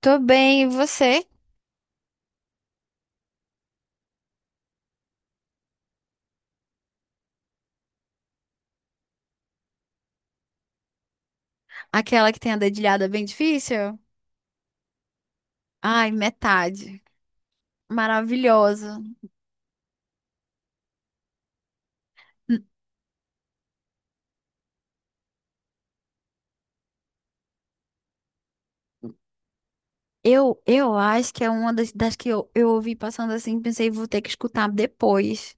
Tô bem, e você? Aquela que tem a dedilhada bem difícil? Ai, metade. Maravilhosa. N- eu acho que é uma das que eu ouvi passando assim, pensei, vou ter que escutar depois.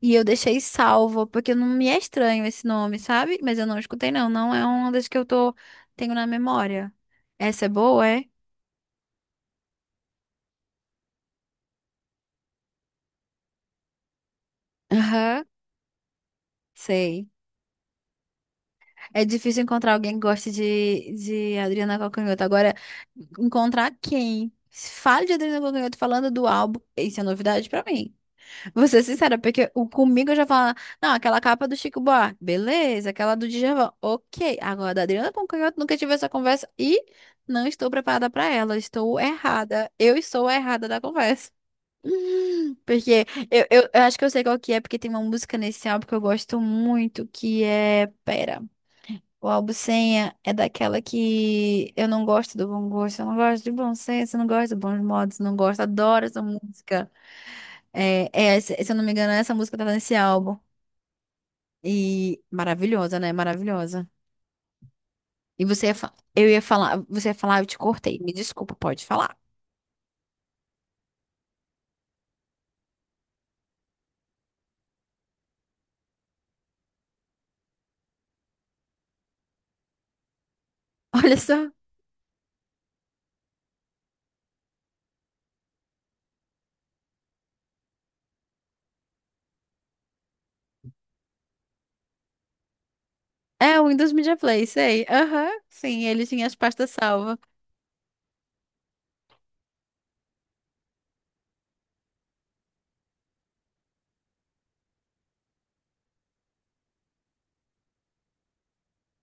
E eu deixei salvo, porque não me é estranho esse nome, sabe? Mas eu não escutei, não. Não é uma das que eu tô, tenho na memória. Essa é boa, é? Aham, sei. É difícil encontrar alguém que goste de Adriana Calcanhoto. Agora, encontrar quem fale de Adriana Calcanhoto falando do álbum, isso é novidade pra mim. Vou ser sincera, porque o, comigo eu já falo, não, aquela capa do Chico Buarque, beleza, aquela do Djavan, ok. Agora, da Adriana Calcanhoto, nunca tive essa conversa e não estou preparada pra ela, estou errada. Eu estou errada da conversa. Porque eu acho que eu sei qual que é, porque tem uma música nesse álbum que eu gosto muito, que é... Pera. O albucenha é daquela que eu não gosto do bom gosto, eu não gosto de bom senso, eu não gosto de bons modos, não gosto, adoro essa música. É, se eu não me engano, essa música tá nesse álbum. E maravilhosa, né? Maravilhosa. E você eu ia falar, você ia falar, eu te cortei. Me desculpa, pode falar. Olha só. É o Windows Media Play, sei. Aham, sim, ele tinha as pastas salvas.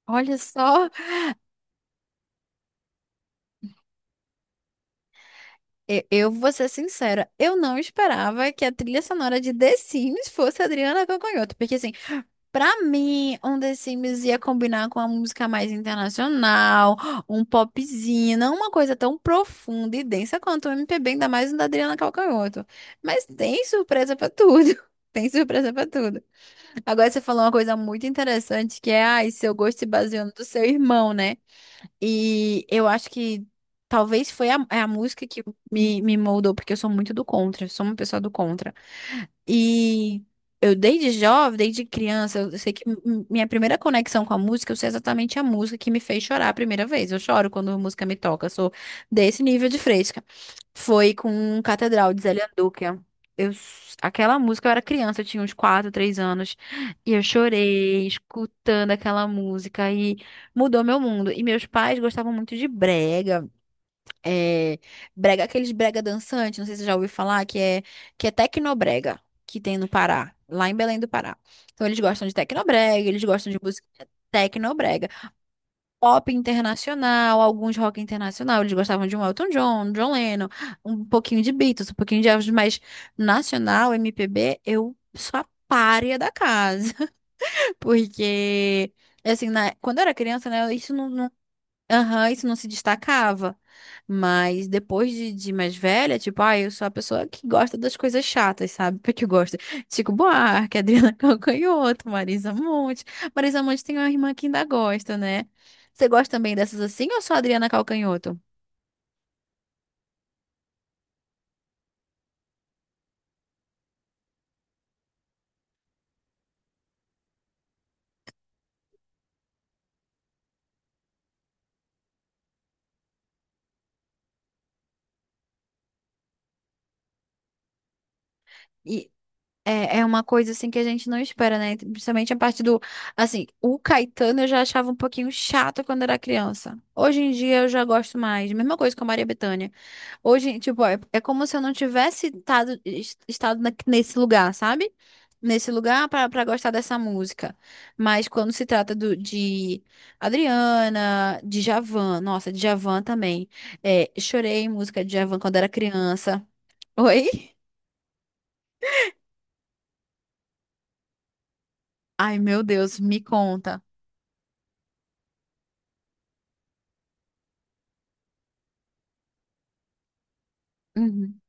Olha só. Eu vou ser sincera, eu não esperava que a trilha sonora de The Sims fosse Adriana Calcanhoto, porque assim, pra mim, um The Sims ia combinar com uma música mais internacional, um popzinho, não uma coisa tão profunda e densa quanto o MPB, ainda mais um da Adriana Calcanhoto. Mas tem surpresa pra tudo. Tem surpresa pra tudo. Agora você falou uma coisa muito interessante que é, ai, seu gosto se baseou no do seu irmão, né? E eu acho que talvez foi a, é a música que me moldou, porque eu sou muito do contra, eu sou uma pessoa do contra. E eu desde jovem, desde criança, eu sei que minha primeira conexão com a música, eu sei exatamente a música que me fez chorar a primeira vez. Eu choro quando a música me toca, eu sou desse nível de fresca. Foi com Catedral de Zélia Duca. Aquela música, eu era criança, eu tinha uns 4 3 anos, e eu chorei escutando aquela música e mudou meu mundo. E meus pais gostavam muito de brega. É, brega, aqueles brega dançante, não sei se você já ouviu falar, que é tecnobrega, que tem no Pará, lá em Belém do Pará. Então eles gostam de tecnobrega, eles gostam de música tecnobrega, pop internacional, alguns rock internacional, eles gostavam de um Elton John, um John Lennon, um pouquinho de Beatles, um pouquinho de Elvis, mas nacional, MPB, eu sou a pária da casa, porque... Assim, quando eu era criança, né, aham, isso não se destacava. Mas depois de mais velha, tipo, ah, eu sou a pessoa que gosta das coisas chatas, sabe? Porque eu gosto. Chico Buarque, Adriana Calcanhoto, Marisa Monte. Marisa Monte tem uma irmã que ainda gosta, né? Você gosta também dessas assim ou só Adriana Calcanhoto? É uma coisa assim que a gente não espera, né? Principalmente a parte do, assim, o Caetano eu já achava um pouquinho chato quando era criança. Hoje em dia eu já gosto mais. Mesma coisa com a Maria Bethânia. Hoje, tipo, é como se eu não tivesse estado nesse lugar, sabe? Nesse lugar para gostar dessa música. Mas quando se trata do, de Adriana, Djavan, nossa, Djavan também. É, chorei em música de Djavan quando era criança. Oi? Ai, meu Deus, me conta. Uhum.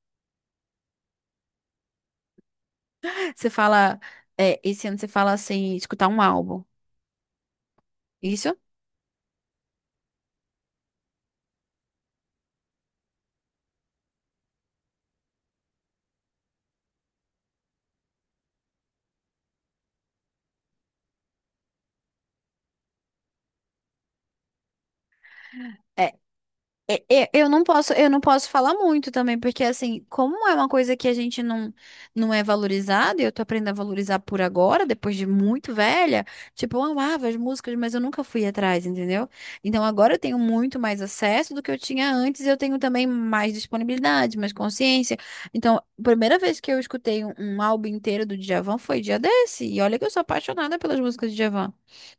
Você fala, é, esse ano você fala assim, escutar um álbum. Isso? É, eu não posso, eu não posso falar muito também, porque assim, como é uma coisa que a gente não, não é valorizada, e eu tô aprendendo a valorizar por agora, depois de muito velha, tipo, eu amava as músicas, mas eu nunca fui atrás, entendeu? Então agora eu tenho muito mais acesso do que eu tinha antes, e eu tenho também mais disponibilidade, mais consciência. Então, a primeira vez que eu escutei um álbum inteiro do Djavan foi dia desse, e olha que eu sou apaixonada pelas músicas de Djavan.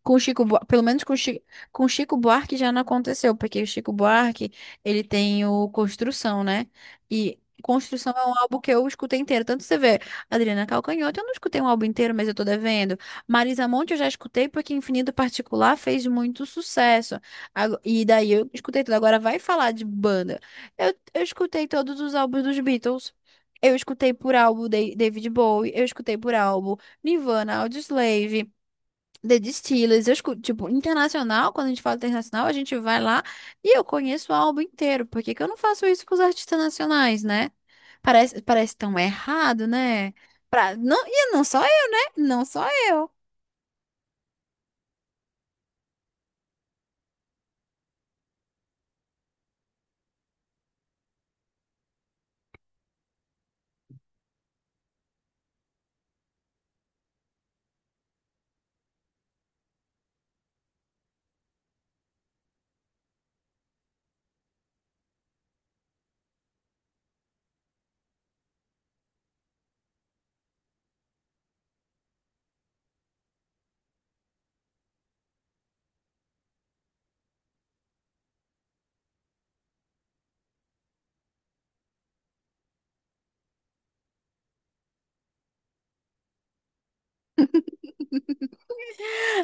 Com o Chico, Bua- pelo menos com o Chico Buarque já não aconteceu, porque o Chico Buarque ele tem o Construção, né? E Construção é um álbum que eu escutei inteiro. Tanto você vê, Adriana Calcanhoto, eu não escutei um álbum inteiro, mas eu tô devendo. Marisa Monte eu já escutei porque Infinito Particular fez muito sucesso. E daí eu escutei tudo. Agora vai falar de banda. Eu escutei todos os álbuns dos Beatles. Eu escutei por álbum David Bowie, eu escutei por álbum Nirvana, Audioslave. The Distillers, eu escuto, tipo, internacional, quando a gente fala internacional, a gente vai lá e eu conheço o álbum inteiro. Por que que eu não faço isso com os artistas nacionais, né? Parece tão errado, né? Pra, não, e não só eu, né? Não só eu.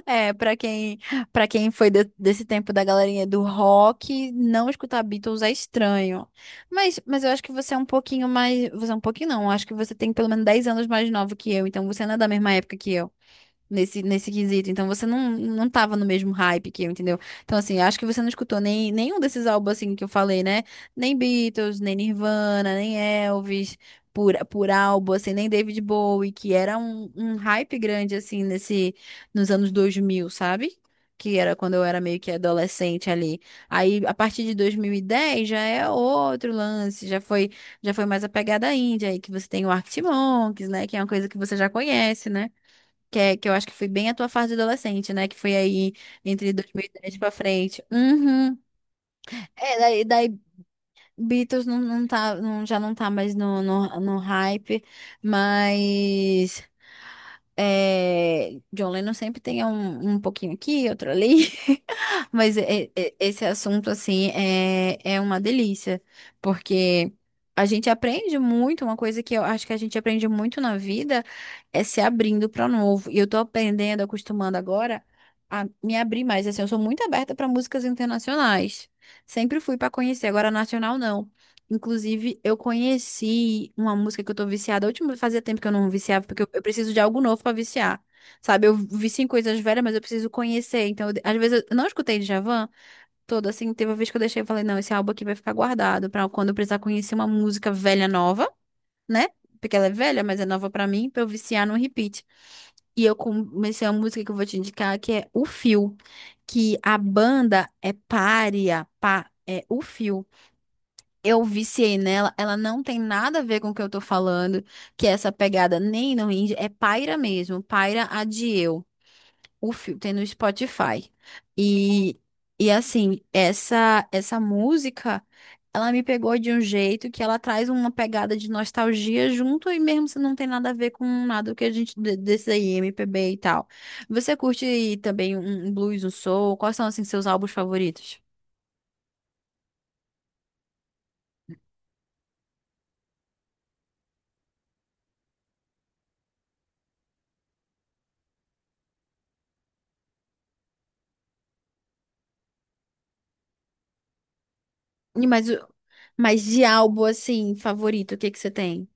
É, pra quem foi desse tempo da galerinha do rock, não escutar Beatles é estranho. Mas eu acho que você é um pouquinho mais, você é um pouquinho não, eu acho que você tem pelo menos 10 anos mais novo que eu, então você não é da mesma época que eu. Nesse quesito. Então você não, não tava no mesmo hype que eu, entendeu? Então, assim, acho que você não escutou nem, nenhum desses álbuns assim que eu falei, né? Nem Beatles, nem Nirvana, nem Elvis, por álbum, assim, nem David Bowie, que era um hype grande, assim, nesse, nos anos 2000, sabe? Que era quando eu era meio que adolescente ali. Aí, a partir de 2010 já é outro lance, já foi mais a pegada índia aí, que você tem o Arctic Monkeys, né? Que é uma coisa que você já conhece, né? Que eu acho que foi bem a tua fase adolescente, né? Que foi aí entre 2010 pra frente. Uhum. Daí Beatles já não tá mais no hype, mas é, John Lennon sempre tem um pouquinho aqui, outro ali, mas esse assunto, assim, é uma delícia, porque a gente aprende muito, uma coisa que eu acho que a gente aprende muito na vida é se abrindo para o novo, e eu tô aprendendo, acostumando agora a me abrir mais, assim, eu sou muito aberta para músicas internacionais, sempre fui para conhecer, agora nacional não. Inclusive, eu conheci uma música que eu tô viciada. A última fazia tempo que eu não viciava, porque eu preciso de algo novo pra viciar. Sabe, eu vicio em coisas velhas, mas eu preciso conhecer. Então, eu às vezes eu não escutei Djavan todo, assim, teve uma vez que eu deixei e falei, não, esse álbum aqui vai ficar guardado pra quando eu precisar conhecer uma música velha nova, né? Porque ela é velha, mas é nova pra mim, pra eu viciar no repeat. E eu comecei a música que eu vou te indicar, que é O Fio, que a banda é é O Fio. Eu viciei nela, ela não tem nada a ver com o que eu tô falando, que é essa pegada nem no indie, é Paira mesmo, Paira Adieu, o filme tem no Spotify. E, e assim, essa música, ela me pegou de um jeito que ela traz uma pegada de nostalgia junto e mesmo se não tem nada a ver com nada que a gente desse aí, MPB e tal. Você curte também um blues, um soul? Quais são assim seus álbuns favoritos? E Mas, o- mas de álbum, assim, favorito, o que que você tem?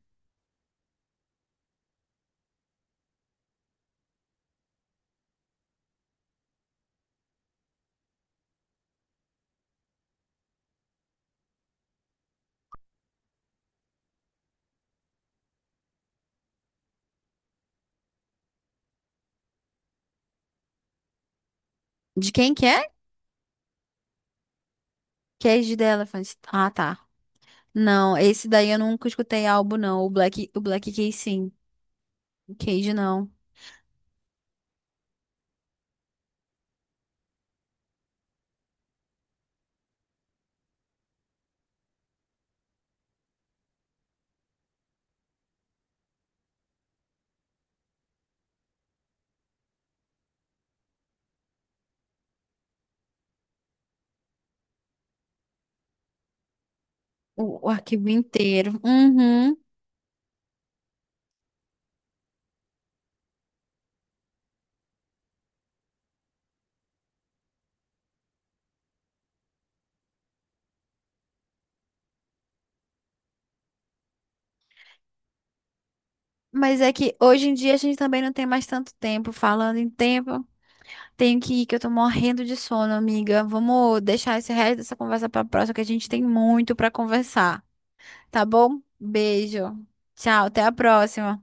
De quem que é? Cage The Elephant. Ah, tá. Não, esse daí eu nunca escutei álbum, não. O Black Keys, sim. O Cage, não. O arquivo inteiro. Uhum. Mas é que hoje em dia a gente também não tem mais tanto tempo. Falando em tempo, tenho que ir, que eu tô morrendo de sono, amiga. Vamos deixar esse resto dessa conversa pra próxima, que a gente tem muito pra conversar. Tá bom? Beijo. Tchau, até a próxima.